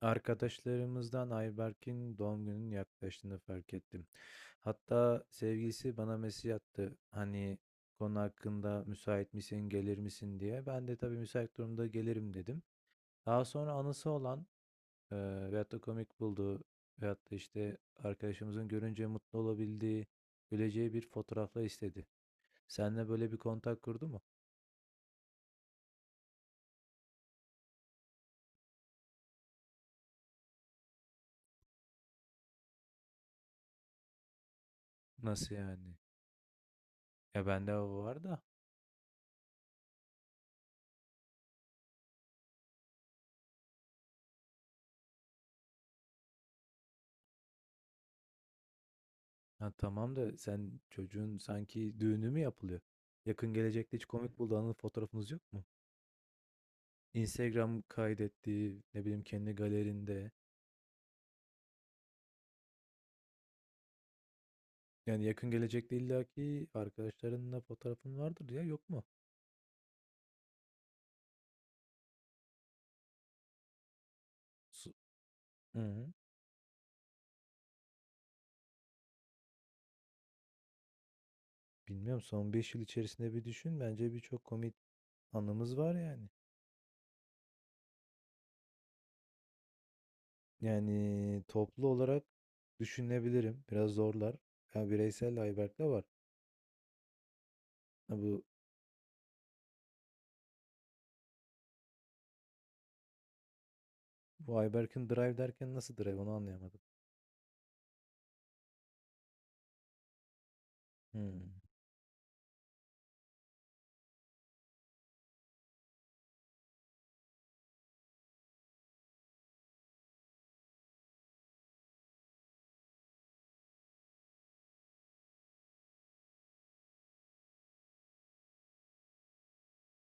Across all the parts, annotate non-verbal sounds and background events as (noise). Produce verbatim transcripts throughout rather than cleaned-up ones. Arkadaşlarımızdan Ayberk'in doğum gününün yaklaştığını fark ettim. Hatta sevgilisi bana mesaj attı. Hani konu hakkında müsait misin, gelir misin diye. Ben de tabii müsait durumda gelirim dedim. Daha sonra anısı olan e, veyahut da komik bulduğu veyahut da işte arkadaşımızın görünce mutlu olabildiği, güleceği bir fotoğrafla istedi. Seninle böyle bir kontak kurdu mu? Nasıl yani? Ya bende o var da. Ha, tamam da sen çocuğun sanki düğünü mü yapılıyor? Yakın gelecekte hiç komik bulduğu anı fotoğrafınız yok mu? Instagram kaydettiği ne bileyim kendi galerinde. Yani yakın gelecekte illaki arkadaşlarınla fotoğrafın vardır ya yok mu? Su- Hı hı. Bilmiyorum, son beş yıl içerisinde bir düşün. Bence birçok komik anımız var yani. Yani toplu olarak düşünebilirim. Biraz zorlar. Ya bireysel Ayberk'le var. Ha, bu, bu Ayberk'in drive derken nasıl drive onu anlayamadım. Hmm.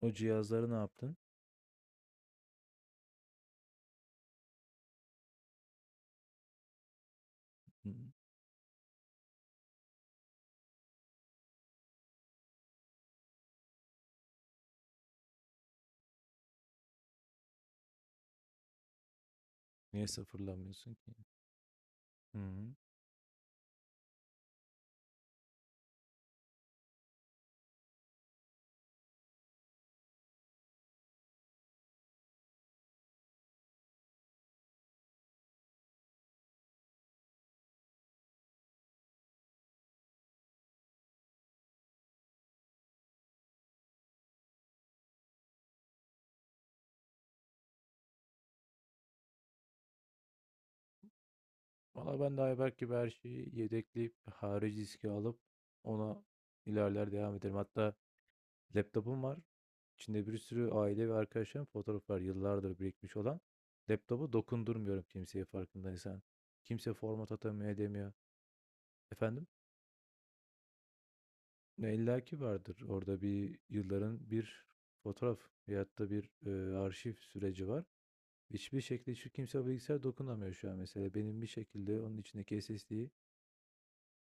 O cihazları ne yaptın? Hı. Niye sıfırlamıyorsun ki? Hı. Valla ben de Ayberk gibi her şeyi yedekleyip harici diski alıp ona ilerler devam ederim. Hatta laptopum var. İçinde bir sürü aile ve arkadaşlarım fotoğraf var. Yıllardır birikmiş olan. Laptopu dokundurmuyorum kimseye farkındaysan. Kimse format atamıyor edemiyor. Efendim? Ne, illa ki vardır. Orada bir yılların bir fotoğraf veyahut da bir e, arşiv süreci var. Hiçbir şekilde şu kimse bilgisayar dokunamıyor şu an mesela. Benim bir şekilde onun içindeki S S D'yi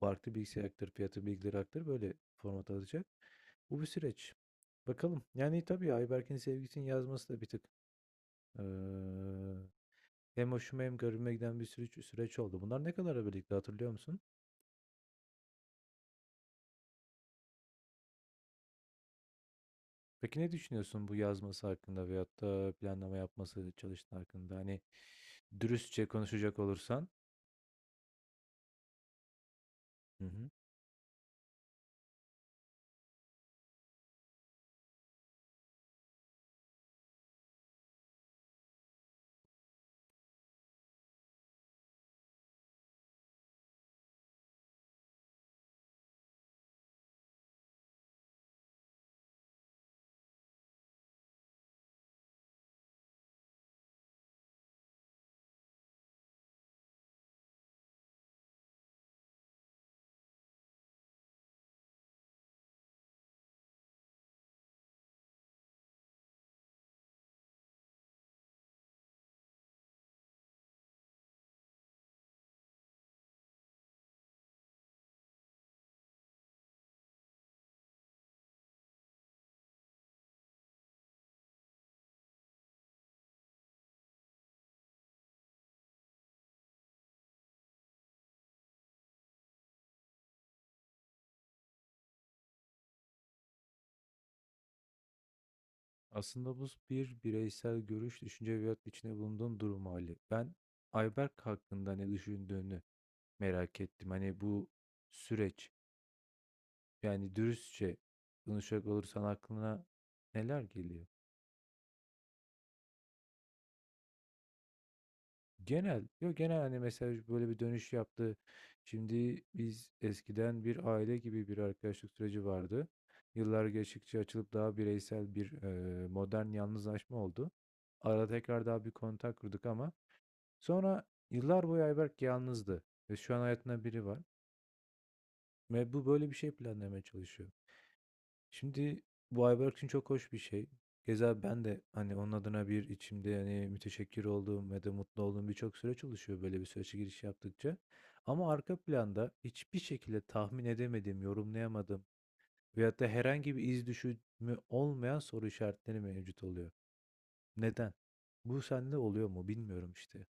farklı bilgisayar aktarıp fiyatı bilgileri aktarıp böyle format alacak. Bu bir süreç. Bakalım. Yani tabii Ayberk'in sevgisinin yazması da bir tık eee, hem hoşuma hem garibime giden bir süreç, süreç oldu. Bunlar ne kadar birlikte hatırlıyor musun? Peki ne düşünüyorsun bu yazması hakkında veyahut da planlama yapması çalıştığı hakkında? Hani dürüstçe konuşacak olursan. Hı hı. Aslında bu bir bireysel görüş, düşünce veyahut içinde bulunduğun durum hali. Ben Ayberk hakkında ne düşündüğünü merak ettim. Hani bu süreç, yani dürüstçe konuşacak olursan aklına neler geliyor? Genel, yok genel hani mesela böyle bir dönüş yaptı. Şimdi biz eskiden bir aile gibi bir arkadaşlık süreci vardı. Yıllar geçtikçe açılıp daha bireysel bir e, modern yalnızlaşma oldu. Ara tekrar daha bir kontak kurduk ama sonra yıllar boyu Ayberk yalnızdı ve şu an hayatında biri var ve bu böyle bir şey planlamaya çalışıyor. Şimdi bu Ayberk için çok hoş bir şey. Keza ben de hani onun adına bir içimde yani müteşekkir olduğum ve de mutlu olduğum birçok süreç oluşuyor böyle bir sürece giriş yaptıkça. Ama arka planda hiçbir şekilde tahmin edemediğim, yorumlayamadığım veyahut da herhangi bir iz düşümü olmayan soru işaretleri mevcut oluyor. Neden? Bu sende oluyor mu bilmiyorum işte.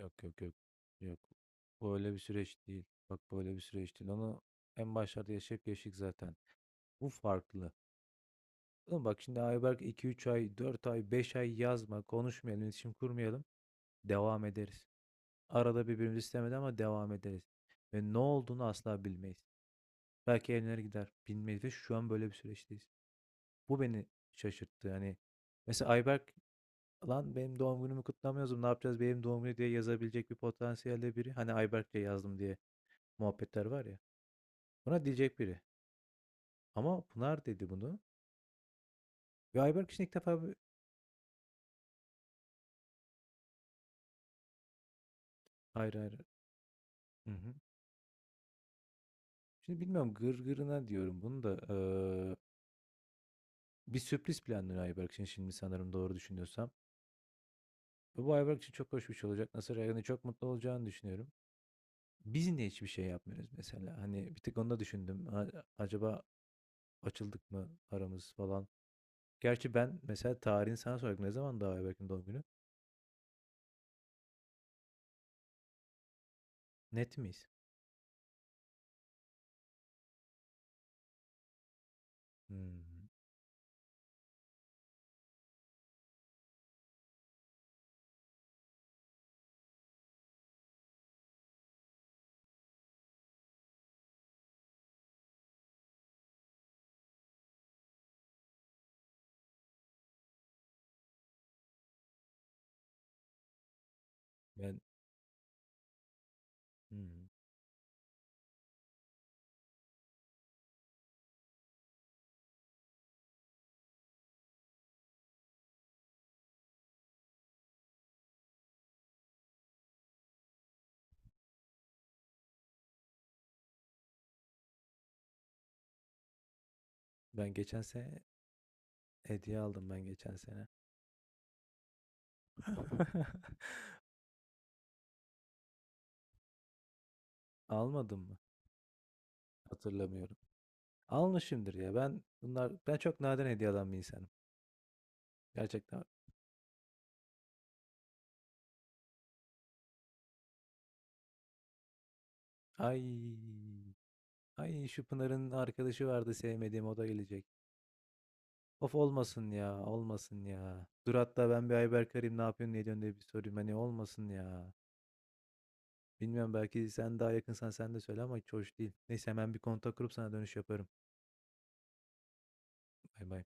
Yok yok yok. Yok. Bu böyle bir süreç değil. Bak böyle bir süreç değil. Onu en başlarda yaşayıp yaşadık zaten. Bu farklı. Oğlum bak şimdi Ayberk iki üç ay, dört ay, beş ay yazma, konuşmayalım, iletişim kurmayalım. Devam ederiz. Arada birbirimizi istemedi ama devam ederiz. Ve ne olduğunu asla bilmeyiz. Belki evlenir gider. Bilmeyiz ve şu an böyle bir süreçteyiz. Bu beni şaşırttı. Hani mesela Ayberk lan benim doğum günümü kutlamıyoruz. Ne yapacağız benim doğum günü diye yazabilecek bir potansiyelde biri. Hani Ayberk'le yazdım diye. Muhabbetler var ya. Buna diyecek biri. Ama Pınar dedi bunu. Ve Ayberk için ilk defa bir... Hayır hayır. Hı hı. Şimdi bilmiyorum gırgırına diyorum bunu da. Eee, bir sürpriz planlıyor Ayberk için şimdi sanırım doğru düşünüyorsam. Ve bu Ayberk için çok hoş bir şey olacak. Nasıl yani, çok mutlu olacağını düşünüyorum. Biz niye hiçbir şey yapmıyoruz mesela? Hani bir tık onu da düşündüm. A- acaba açıldık mı aramız falan. Gerçi ben mesela tarihini sana soracaktım. Ne zaman daha Ayberk'in doğum günü? Net miyiz? Hmm. Ben hmm. Ben geçen sene hediye aldım, ben geçen sene. (laughs) Almadım mı? Hatırlamıyorum. Almışımdır ya. Ben bunlar ben çok nadir hediye alan bir insanım. Gerçekten. Ay. Ay şu Pınar'ın arkadaşı vardı sevmediğim, o da gelecek. Of olmasın ya, olmasın ya. Dur hatta ben bir Ayberk arayayım, ne yapıyorsun ne ediyorsun diye bir sorayım. Hani olmasın ya. Bilmiyorum, belki sen daha yakınsan sen de söyle ama hiç hoş değil. Neyse hemen bir kontak kurup sana dönüş yaparım. Bay bay.